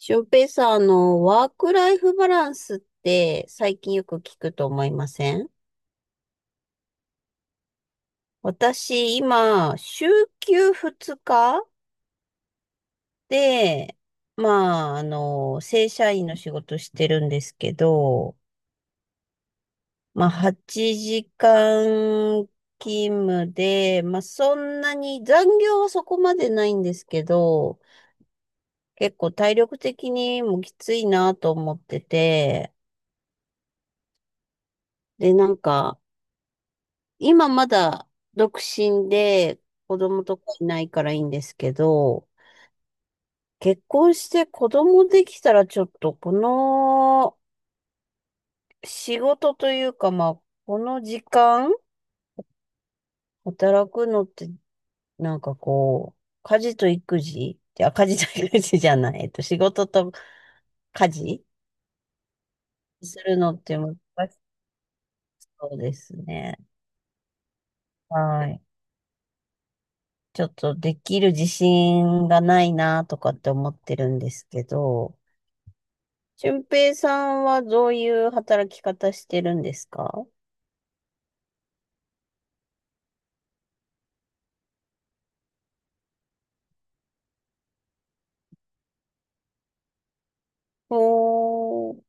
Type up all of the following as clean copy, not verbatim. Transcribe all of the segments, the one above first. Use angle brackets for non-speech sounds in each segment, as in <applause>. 翔平さん、ワークライフバランスって最近よく聞くと思いません？私、今、週休2日で、まあ、正社員の仕事してるんですけど、まあ、8時間勤務で、まあ、そんなに残業はそこまでないんですけど、結構体力的にもきついなと思ってて、で、なんか、今まだ独身で子供とかいないからいいんですけど、結婚して子供できたらちょっとこの仕事というかまあ、この時間働くのってなんかこう、家事と育児、いや、家事と育児じゃない、仕事と家事するのって難しそうですね。はい。ちょっとできる自信がないなとかって思ってるんですけど、俊平さんはどういう働き方してるんですか？おー、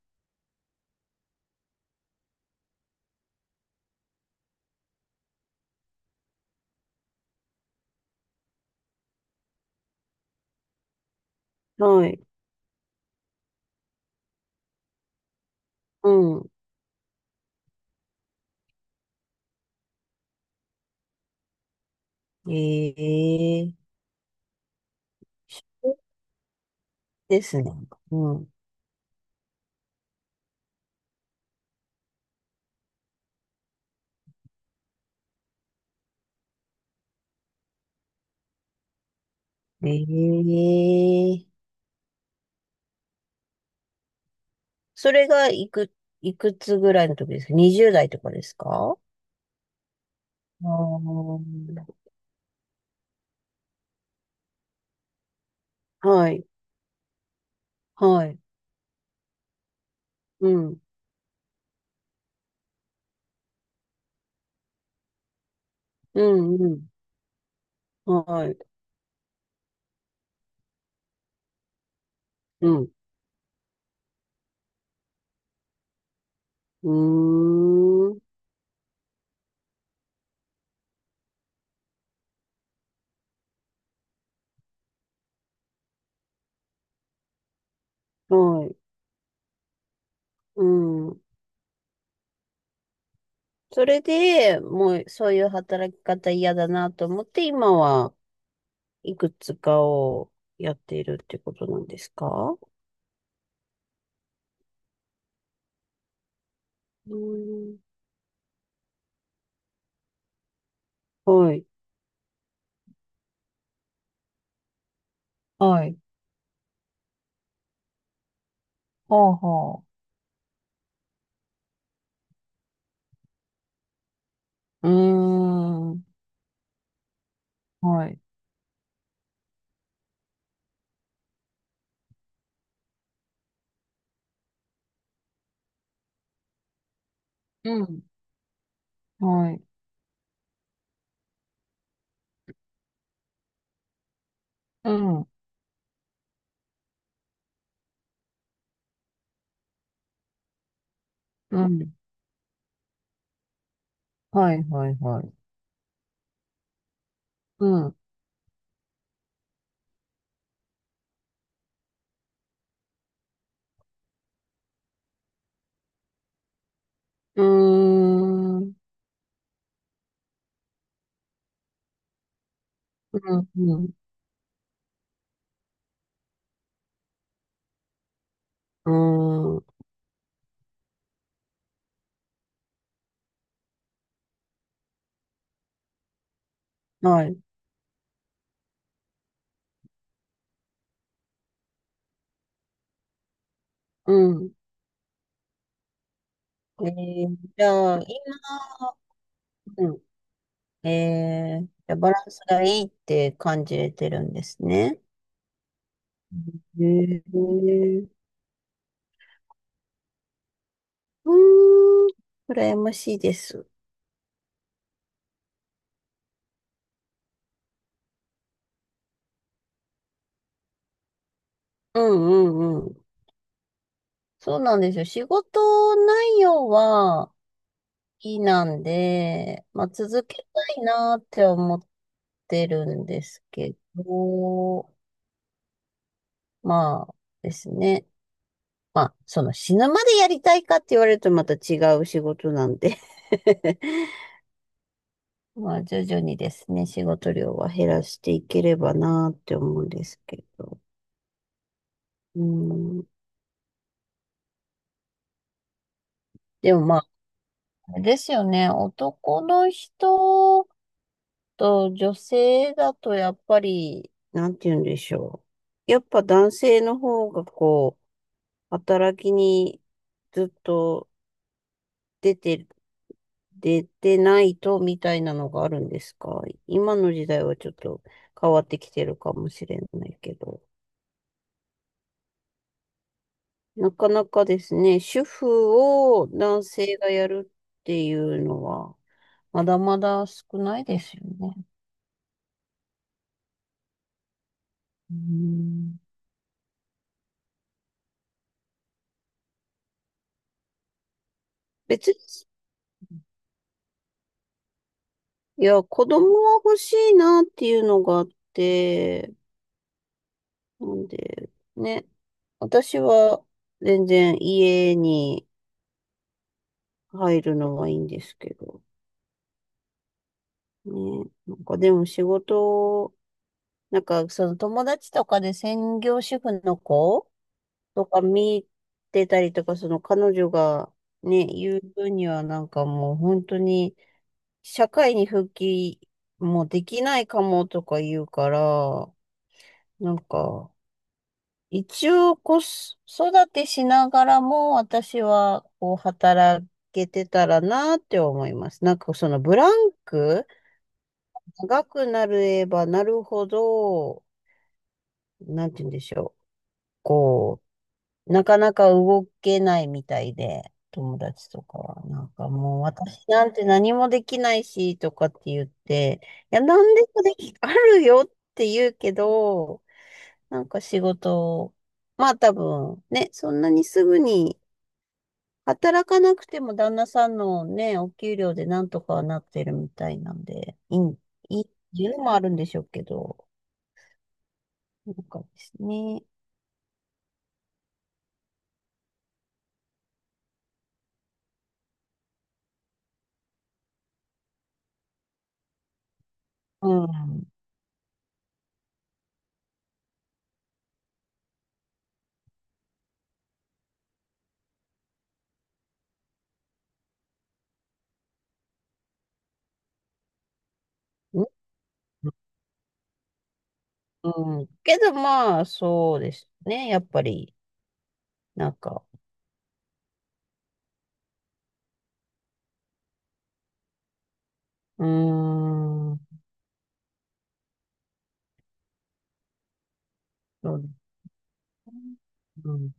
はい。うん。ええ、そうですね。うん。ええ、それがいくつぐらいの時ですか？ 20 代とかですか？あー、はい。はい。うん。うん。うん。はい。うん。うーん。はい。うん。それで、もうそういう働き方嫌だなと思って、今はいくつかをやっているってことなんですか？うーん。はい。はい。はあはあ。うーん。はい。うん。はい。うん。うん。はい、はい、はい。うん。うーん。うん。うん。うーん。はい。うん。じゃあ、今、うん、ええー、じゃあバランスがいいって感じれてるんですね。ええー、うーん、羨ましいです。うんうんうん。そうなんですよ。仕事内容は好きなんで、まあ続けたいなって思ってるんですけど、まあですね。まあ、その死ぬまでやりたいかって言われるとまた違う仕事なんで <laughs> まあ、徐々にですね、仕事量は減らしていければなーって思うんですけど。うん。でもまあ、あれですよね、男の人と女性だとやっぱり、なんて言うんでしょう。やっぱ男性の方がこう、働きにずっと出て、出てないとみたいなのがあるんですか？今の時代はちょっと変わってきてるかもしれないけど。なかなかですね、主婦を男性がやるっていうのは、まだまだ少ないですよね。うん、別に、いや、子供は欲しいなっていうのがあって、なんで、ね、私は全然家に入るのはいいんですけど、ね、なんかでも仕事、なんかその友達とかで専業主婦の子とか見てたりとか、その彼女がね、言う分にはなんかもう本当に社会に復帰もできないかもとか言うから、なんか一応子育てしながらも私はこう働けてたらなって思います。なんかそのブランク長くなればなるほど、なんて言うんでしょう。こうなかなか動けないみたいで、友達とかは、なんかもう私なんて何もできないし、とかって言って、いや、何でもでき、あるよって言うけど、なんか仕事、まあ多分、ね、そんなにすぐに働かなくても旦那さんのね、お給料でなんとかはなってるみたいなんで、いいっていうのもあるんでしょうけど、なんかですね、うん。んうん。けどまあ、そうですね。やっぱり、なんか、うーん、そうですね。うん、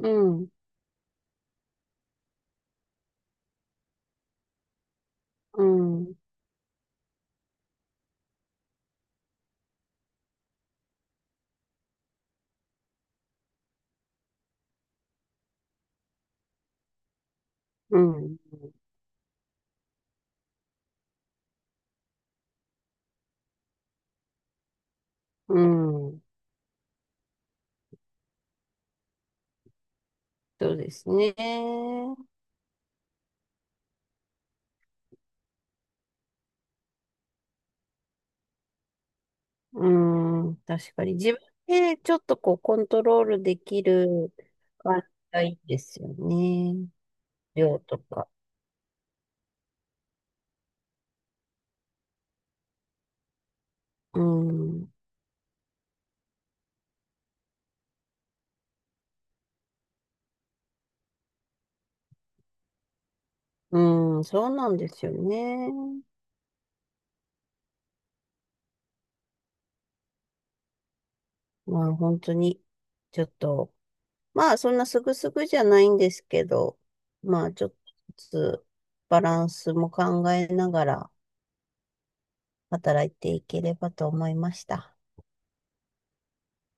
うん、うん、うん、うん、そうですね。うん、確かに自分でちょっとこうコントロールできる感じがいいですよね。量とか。うん、うん、そうなんですよね。まあ本当に、ちょっとまあ、そんなすぐすぐじゃないんですけど、まあ、ちょっとずつバランスも考えながら働いていければと思いました。